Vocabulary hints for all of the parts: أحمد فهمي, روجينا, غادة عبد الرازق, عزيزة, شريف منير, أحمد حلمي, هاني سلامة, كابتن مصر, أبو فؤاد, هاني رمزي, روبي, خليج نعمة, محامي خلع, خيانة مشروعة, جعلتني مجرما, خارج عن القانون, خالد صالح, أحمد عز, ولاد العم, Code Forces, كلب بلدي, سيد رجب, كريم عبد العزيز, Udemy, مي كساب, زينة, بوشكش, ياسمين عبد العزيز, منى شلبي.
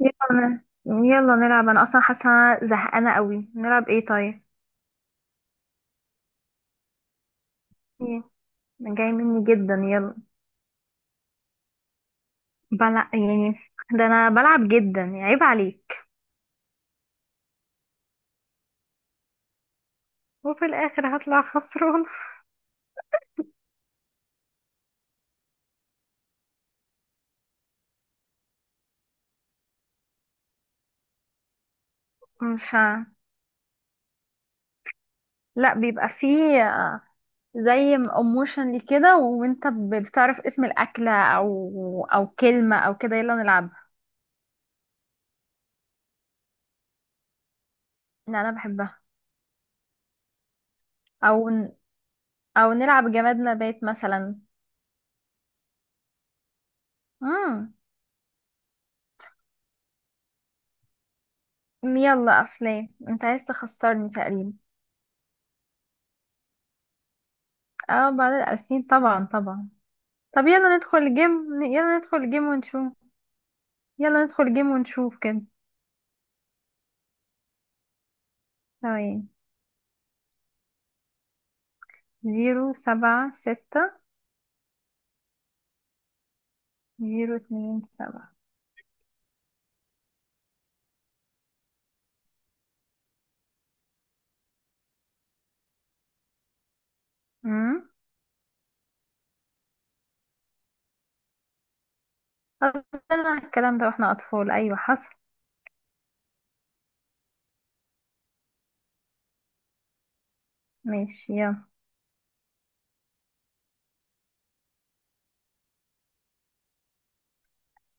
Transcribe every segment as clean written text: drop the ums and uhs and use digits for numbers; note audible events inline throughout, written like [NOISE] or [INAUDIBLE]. يلا يلا نلعب، انا اصلا حاسه أنا زهقانه قوي. نلعب ايه طيب؟ ايه؟ أنا جاي مني جدا، يلا. بلع يعني؟ ده انا بلعب جدا يعني، عيب عليك. وفي الاخر هطلع خسران. مش ه... لا بيبقى فيه زي اموشن كده، وانت بتعرف اسم الاكله او كلمه او كده، يلا نلعبها. لا انا بحبها. او ن- او نلعب جماد نبات مثلا. امم يلا افلام، انت عايز تخسرني تقريبا. اه، بعد 2000 طبعا طبعا. طب يلا ندخل جيم، يلا ندخل جيم ونشوف، يلا ندخل جيم ونشوف كده. ثواني. 076. 027. امم قلنا الكلام ده واحنا أطفال، أيوة حصل. ماشي يلا.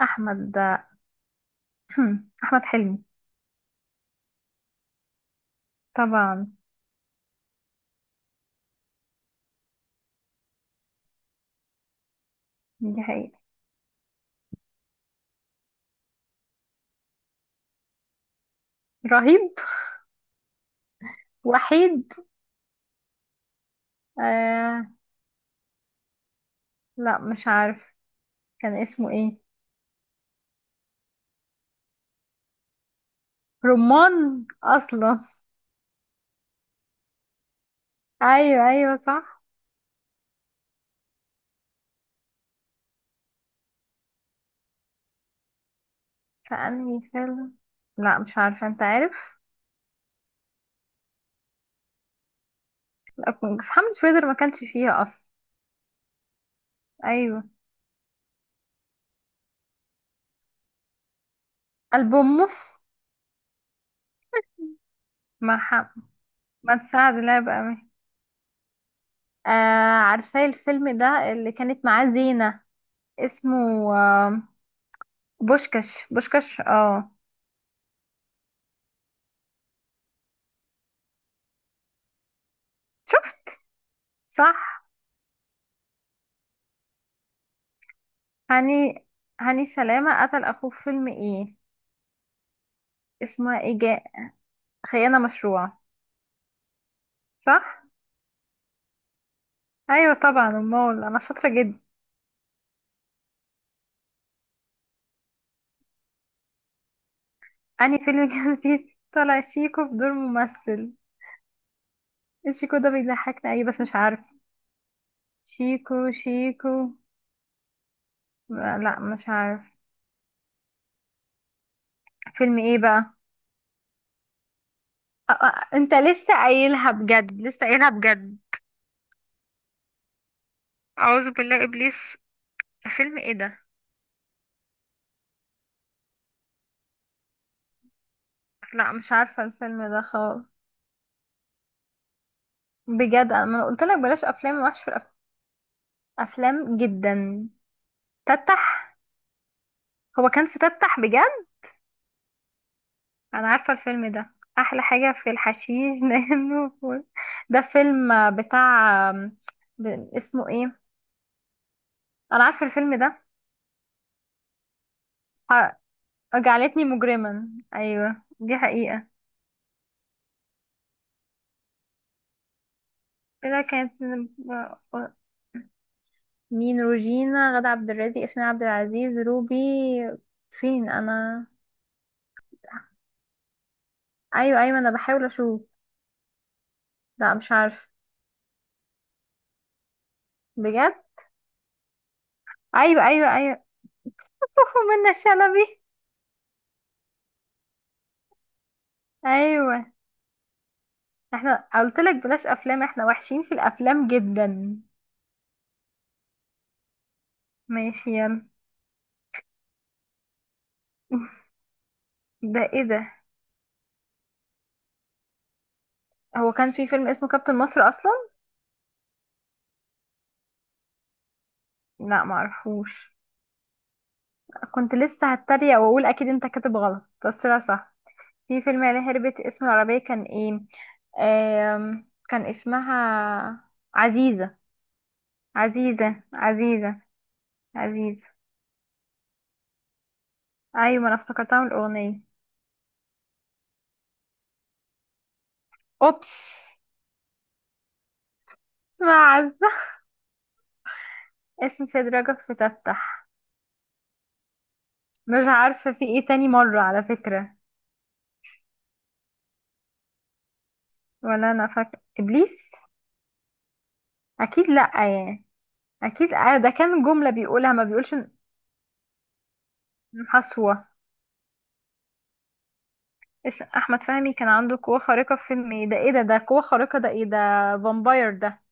أحمد ده. [CLEARS THROAT] أحمد حلمي. طبعا. دي حقيقة. رهيب. وحيد. آه، لا مش عارف، كان اسمه ايه؟ رمان أصلا. أيوة أيوة صح. في انهي فيلم؟ لا مش عارفه، انت عارف؟ لا، في. حملة فريزر ما كانش فيها اصلا. ايوه. البوموس. مع حم... ما تساعد لا بقى مي. آه، عارفه الفيلم ده اللي كانت معاه زينة. اسمه. آه. بوشكش بوشكش اه. شفت. صح. هاني. هاني سلامة قتل اخوه في فيلم ايه؟ اسمه ايه خيانة مشروعة. صح. ايوه طبعا المول، انا شاطرة جدا. انهي فيلم [LAUGHS] كان فيه طلع شيكو بدور ممثل؟ شيكو ده بيضحكني، ايه بس مش عارف. شيكو شيكو. لا مش عارف. فيلم ايه بقى؟ انت لسه قايلها بجد، لسه قايلها بجد. اعوذ بالله ابليس. فيلم ايه ده؟ لا مش عارفه الفيلم ده خالص. بجد انا قلت لك بلاش افلام، افلام جدا. تتح. هو كان في تتح بجد؟ انا عارفه الفيلم ده، احلى حاجه في الحشيش [LAUGHS] لانه فول. ده فيلم بتاع. اسمه ايه؟ انا عارفه الفيلم ده. جعلتني مجرما. ايوه دي حقيقة. كده كانت. مين؟ روجينا، غادة عبد الرازق، ياسمين عبد العزيز، روبي؟ فين انا؟ ايوه ايوه انا بحاول اشوف. لا مش عارف. بجد؟ ايوه ايوه ايوه. [LAUGHS] منى شلبي. ايوه. احنا قلت لك بلاش افلام، احنا وحشين في الافلام جدا. ماشي يلا. [LAUGHS] ده ايه ده؟ هو كان في فيلم اسمه كابتن مصر اصلا؟ لا معرفوش. كنت لسه هتريق واقول اكيد انت كاتب غلط، بس لا صح. في فيلم اللي هربت، اسم العربية كان ايه؟ كان اسمها عزيزة. عزيزة عزيزة. عزيزة. ايوه ما انا افتكرتها من الاغنية. اوبس. اسمها عزة. اسم سيد رجب فتتح. مش عارفة، في ايه تاني مرة على فكرة. ولا انا فاكرة ابليس. اكيد لا. يعني اكيد ده كان جملة بيقولها، ما بيقولش إن حسوة. احمد فهمي كان عنده قوة خارقة في فيلم ايه؟ ده ايه ده؟ ده قوة خارقة ده، ايه ده؟ فامباير ده.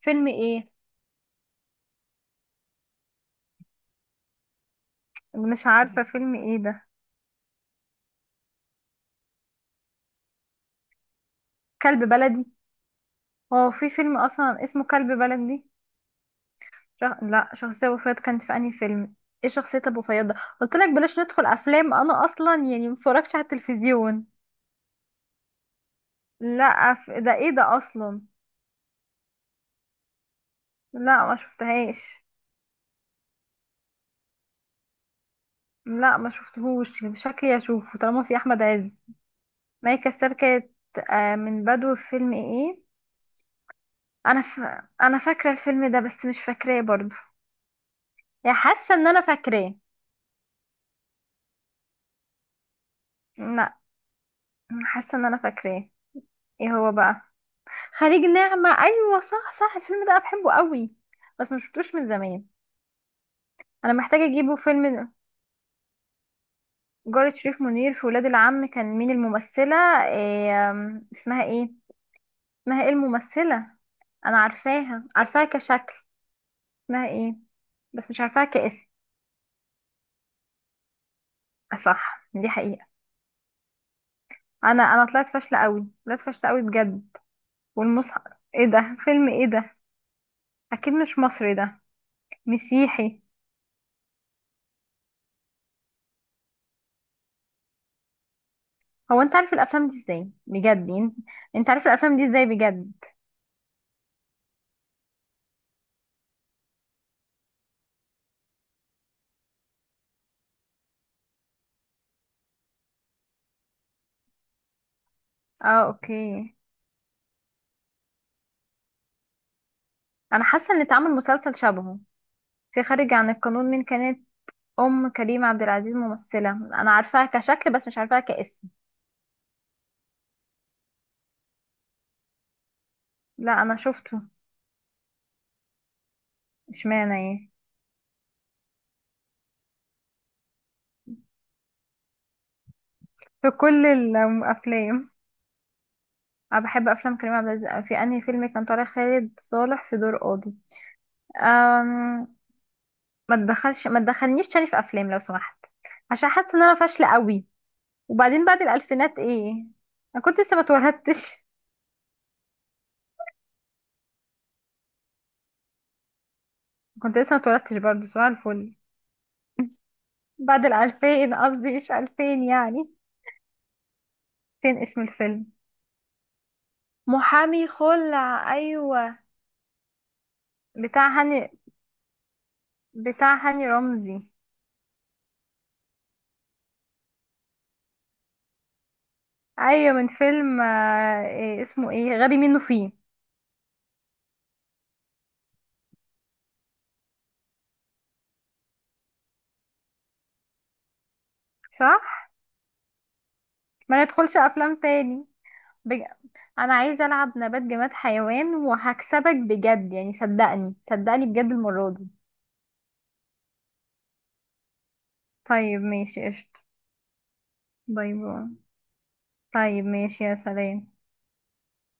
فيلم ايه؟ مش عارفة فيلم ايه ده. كلب بلدي. هو في فيلم اصلا اسمه كلب بلدي؟ لا شخصية ابو فؤاد كانت في انهي فيلم؟ ايه شخصية ابو فؤاد ده؟ قلت لك بلاش ندخل افلام، انا اصلا يعني متفرجش على التلفزيون. لا ف... ده ايه ده اصلا؟ لا ما شفتهاش. لا ما شفتهوش، شكلي اشوفه طالما في احمد عز. مي كساب كانت. من بدو فيلم ايه؟ انا ف... انا فاكرة الفيلم ده بس مش فاكراه برضه، يعني حاسة ان انا فاكراه. لا. حاسة ان انا فاكراه. ايه هو بقى؟ خليج نعمة. ايوه صح صح. الفيلم ده انا بحبه قوي بس ما شفتوش من زمان. انا محتاجة اجيبه فيلم. جارة شريف منير في ولاد العم، كان مين الممثلة؟ إيه اسمها ايه؟ اسمها ايه الممثلة؟ انا عارفاها عارفاها كشكل، اسمها ايه؟ بس مش عارفاها كاسم. صح، دي حقيقة. انا طلعت فاشلة قوي، طلعت فاشلة قوي بجد. والمصحف. ايه ده؟ فيلم ايه ده؟ اكيد مش مصري ده. مسيحي. هو انت عارف الافلام دي ازاي بجد يعني؟ انت عارف الافلام دي ازاي بجد؟ اه اوكي. انا حاسه ان اتعمل مسلسل شبهه. في خارج عن القانون مين كانت ام كريم عبد العزيز؟ ممثله انا عارفاها كشكل بس مش عارفاها كاسم. لا انا شفته. اشمعنى ايه؟ في كل الافلام. انا بحب افلام كريم عبد العزيز. في انهي فيلم كان طالع خالد صالح في دور قاضي؟ أم... ما تدخلش، ما تدخلنيش تاني في افلام لو سمحت، عشان حاسه ان انا فاشله قوي. وبعدين، بعد الالفينات ايه؟ انا كنت لسه ما اتولدتش. كنت لسه ما اتولدتش برضه. سؤال الفل. بعد 2000 قصدي، مش ألفين يعني. فين اسم الفيلم؟ محامي خلع. أيوة. بتاع هاني. بتاع هاني رمزي. أيوة من فيلم إيه اسمه، ايه غبي منه فيه. صح. ما ندخلش أفلام تاني. بج... أنا عايزة ألعب نبات جماد حيوان وهكسبك بجد يعني، صدقني صدقني بجد المرة دي. طيب ماشي قشطة. باي باي. طيب ماشي، يا سلام.